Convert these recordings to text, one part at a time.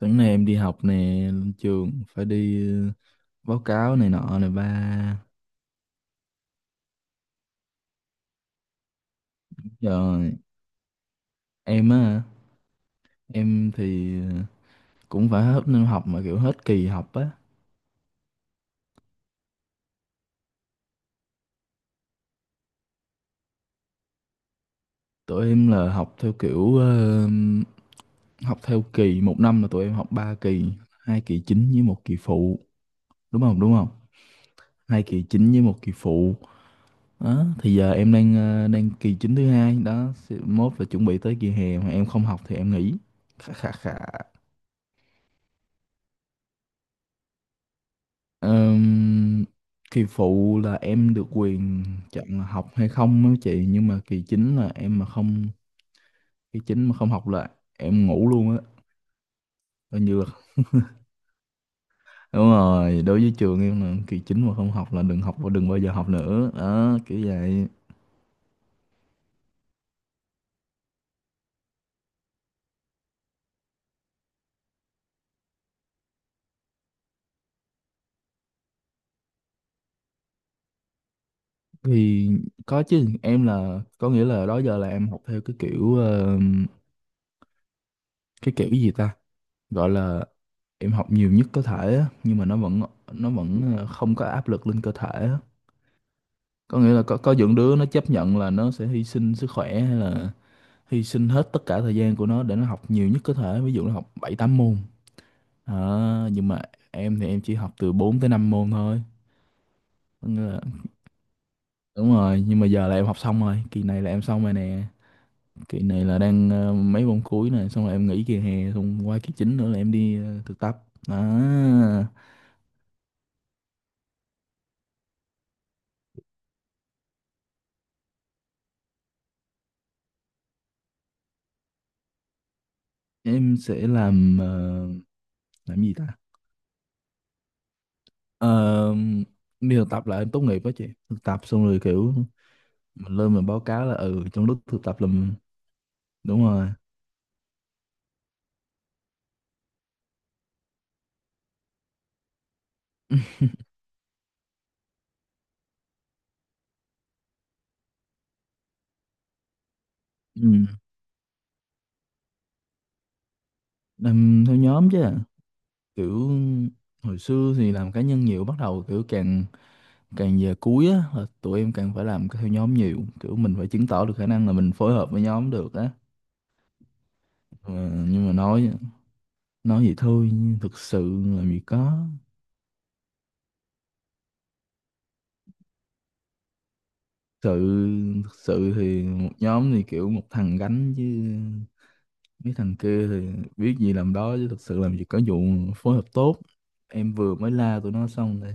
Sáng nay em đi học nè, lên trường phải đi báo cáo này nọ này ba. Rồi em á, em thì cũng phải hết năm học mà kiểu hết kỳ học á. Tụi em là học theo kiểu học theo kỳ, một năm là tụi em học ba kỳ, hai kỳ chính với một kỳ phụ, đúng không? Đúng không? Hai kỳ chính với một kỳ phụ. Đó, thì giờ em đang đang kỳ chính thứ hai đó, mốt là chuẩn bị tới kỳ hè mà em không học thì em nghỉ. Khà khà khà. Ờm, Kỳ phụ là em được quyền chọn là học hay không á chị, nhưng mà kỳ chính là em mà không, kỳ chính mà không học là em ngủ luôn á, coi như là đúng rồi. Đối với trường em là kỳ chính mà không học là đừng học và đừng bao giờ học nữa đó, kiểu vậy. Thì có chứ, em là có nghĩa là đó giờ là em học theo cái kiểu gì ta gọi là em học nhiều nhất có thể á, nhưng mà nó vẫn không có áp lực lên cơ thể á. Có nghĩa là có những đứa nó chấp nhận là nó sẽ hy sinh sức khỏe hay là hy sinh hết tất cả thời gian của nó để nó học nhiều nhất có thể, ví dụ nó học 7 8 môn. Nhưng mà em thì em chỉ học từ 4 tới 5 môn thôi. Có nghĩa là, đúng rồi, nhưng mà giờ là em học xong rồi, kỳ này là em xong rồi nè. Kỳ này là đang mấy môn cuối nè, xong rồi em nghỉ kỳ hè, xong qua kỳ chính nữa là em đi thực tập à. Em sẽ làm làm gì ta. Ờ, đi thực tập là em tốt nghiệp đó chị, thực tập xong rồi kiểu mình lên mình báo cáo là ừ trong lúc thực tập làm, đúng rồi. Ừ. Làm theo nhóm chứ kiểu hồi xưa thì làm cá nhân nhiều, bắt đầu kiểu càng càng về cuối á là tụi em càng phải làm theo nhóm nhiều, kiểu mình phải chứng tỏ được khả năng là mình phối hợp với nhóm được á. Ờ, nhưng mà nói vậy thôi nhưng thực sự làm gì có, sự thực sự thì một nhóm thì kiểu một thằng gánh chứ. Mấy thằng kia thì biết gì làm đó chứ, thực sự làm gì có vụ phối hợp tốt. Em vừa mới la tụi nó xong đây.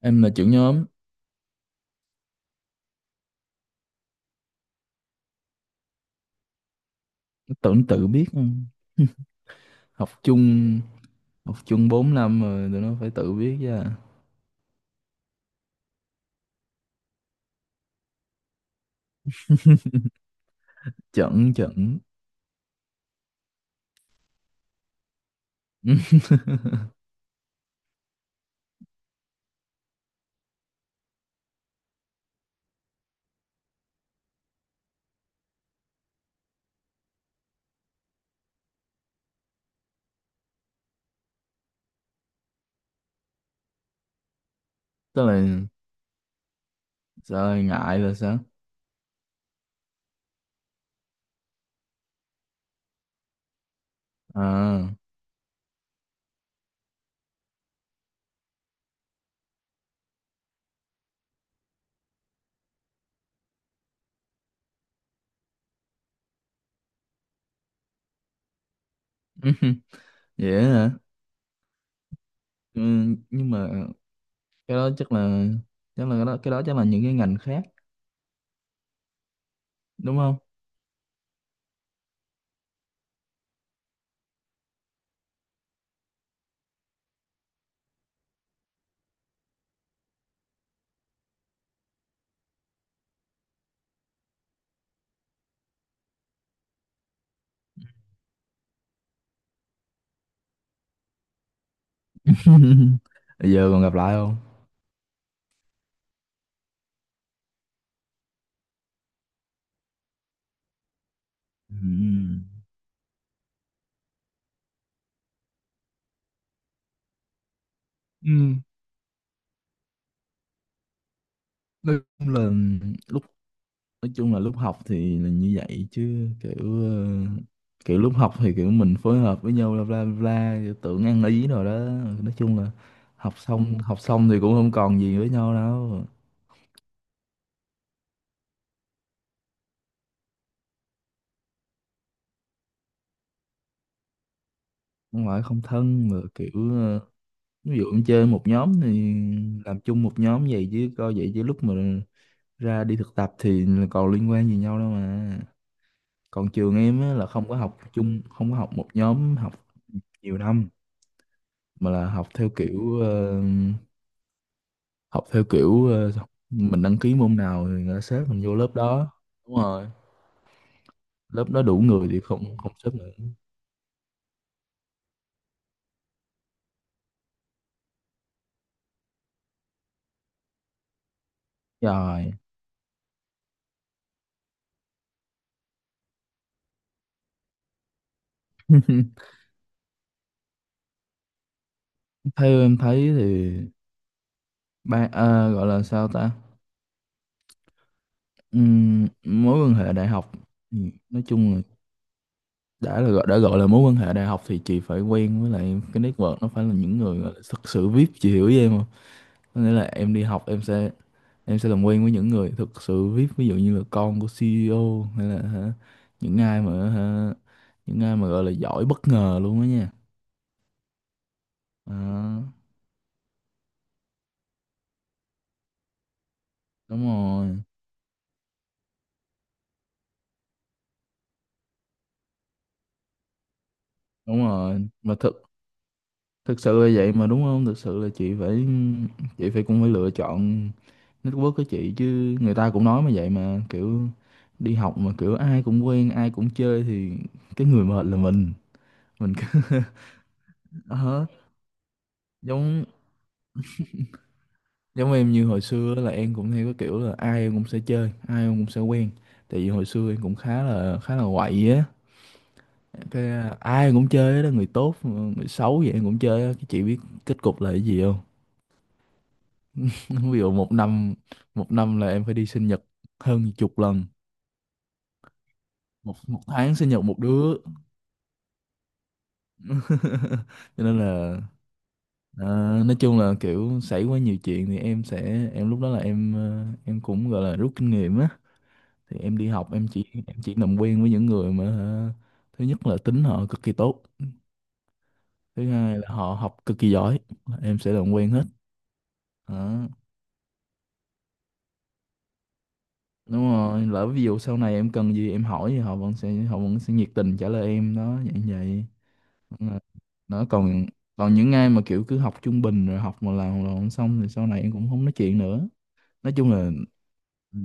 Em là trưởng nhóm, tưởng tự biết không? Học chung, học chung 4 năm rồi tụi nó phải tự biết chứ. À. Chẩn chẩn. Tức là sợ là ngại là sao? À, vậy á hả? Ừ, nhưng mà cái đó chắc là cái đó chắc là những cái ngành khác, đúng không? Bây giờ còn gặp lại không? Ừ. Lúc Là lúc nói chung là lúc học thì là như vậy chứ kiểu kiểu lúc học thì kiểu mình phối hợp với nhau bla bla bla kiểu tưởng ăn ý rồi đó, nói chung là học xong thì cũng không còn gì với nhau đâu. Không phải không thân mà kiểu ví dụ em chơi một nhóm thì làm chung một nhóm vậy, chứ coi vậy chứ lúc mà ra đi thực tập thì là còn liên quan gì nhau đâu mà. Còn trường em á, là không có học chung, không có học một nhóm học nhiều năm mà là học theo kiểu học theo kiểu ờ, mình đăng ký môn nào thì người ta xếp mình vô lớp đó, đúng rồi, lớp đó đủ người thì không không xếp nữa. Rồi. Theo em thấy thì ba à, gọi là sao ta. Mối quan hệ đại học, ừ, nói chung là đã là gọi, đã gọi là mối quan hệ đại học thì chị phải quen với lại cái network nó phải là những người gọi là thực sự VIP, chị hiểu với em không, có nghĩa là em đi học em sẽ, em sẽ làm quen với những người thực sự vip, ví dụ như là con của CEO hay là hả, những ai mà hả, những ai mà gọi là giỏi bất ngờ luôn đó nha. Đó, đúng rồi, đúng rồi mà thực thực sự là vậy mà, đúng không, thực sự là chị phải, chị phải cũng phải lựa chọn network của chị chứ, người ta cũng nói mà vậy mà kiểu đi học mà kiểu ai cũng quen ai cũng chơi thì cái người mệt là mình cứ Ờ, giống giống em như hồi xưa là em cũng theo cái kiểu là ai em cũng sẽ chơi ai em cũng sẽ quen, tại vì hồi xưa em cũng khá là quậy á, cái à, ai em cũng chơi đó, người tốt người xấu vậy em cũng chơi á, cái chị biết kết cục là cái gì không. Ví dụ một năm là em phải đi sinh nhật hơn chục lần, một một tháng sinh nhật một đứa. Cho nên là ờ, nói chung là kiểu xảy quá nhiều chuyện thì em sẽ, em lúc đó là em em cũng gọi là rút kinh nghiệm á, thì em đi học em chỉ, em chỉ làm quen với những người mà hả, thứ nhất là tính họ cực kỳ tốt, thứ hai là họ học cực kỳ giỏi, em sẽ làm quen hết. Đó. Đúng rồi, lỡ ví dụ sau này em cần gì em hỏi thì họ vẫn sẽ nhiệt tình trả lời em đó, vậy vậy. Đúng rồi. Đó còn còn những ai mà kiểu cứ học trung bình rồi học mà làm là không xong thì sau này em cũng không nói chuyện nữa, nói chung là. Ừ,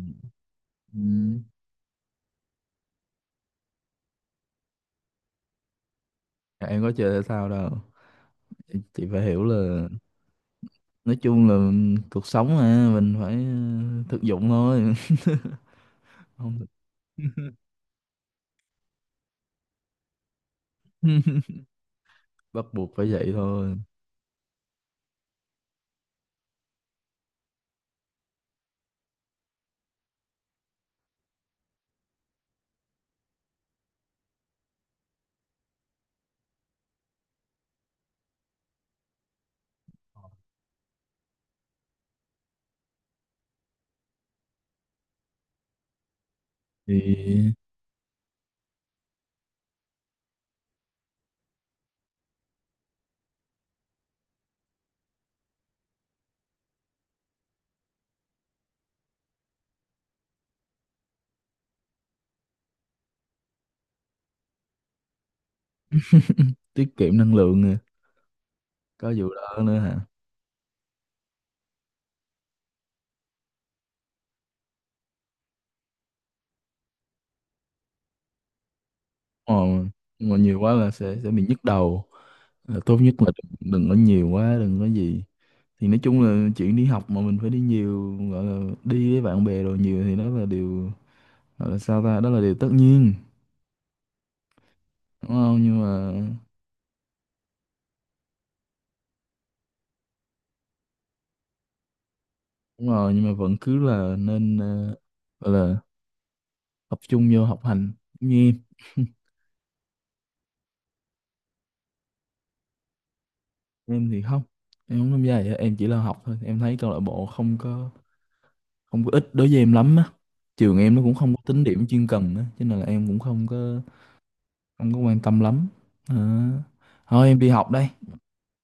ừ, em có chơi thể thao đâu. Chị phải hiểu là nói chung là cuộc sống mà mình phải thực dụng thôi. Không được. Bắt buộc phải vậy thôi. Thì tiết kiệm năng lượng nè. Có vụ đó nữa hả? Ờ, nhưng mà nhiều quá là sẽ bị nhức đầu. Là tốt nhất là đừng, đừng có nhiều quá, đừng có gì. Thì nói chung là chuyện đi học mà mình phải đi nhiều, gọi là đi với bạn bè rồi nhiều thì đó là điều, gọi là sao ta, đó là điều tất nhiên, đúng không, nhưng mà đúng rồi, nhưng mà vẫn cứ là nên gọi là tập trung vô học hành như em. Em thì không, em không tham gia vậy, em chỉ là học thôi, em thấy câu lạc bộ không có không có ích đối với em lắm á. Trường em nó cũng không có tính điểm chuyên cần á cho nên là em cũng không có không có quan tâm lắm. Ờ. Thôi em đi học đây,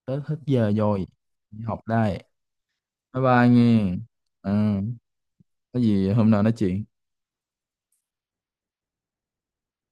tới hết giờ rồi, đi học đây. Bye bye nghe. Ờ, có gì hôm nào nói chuyện.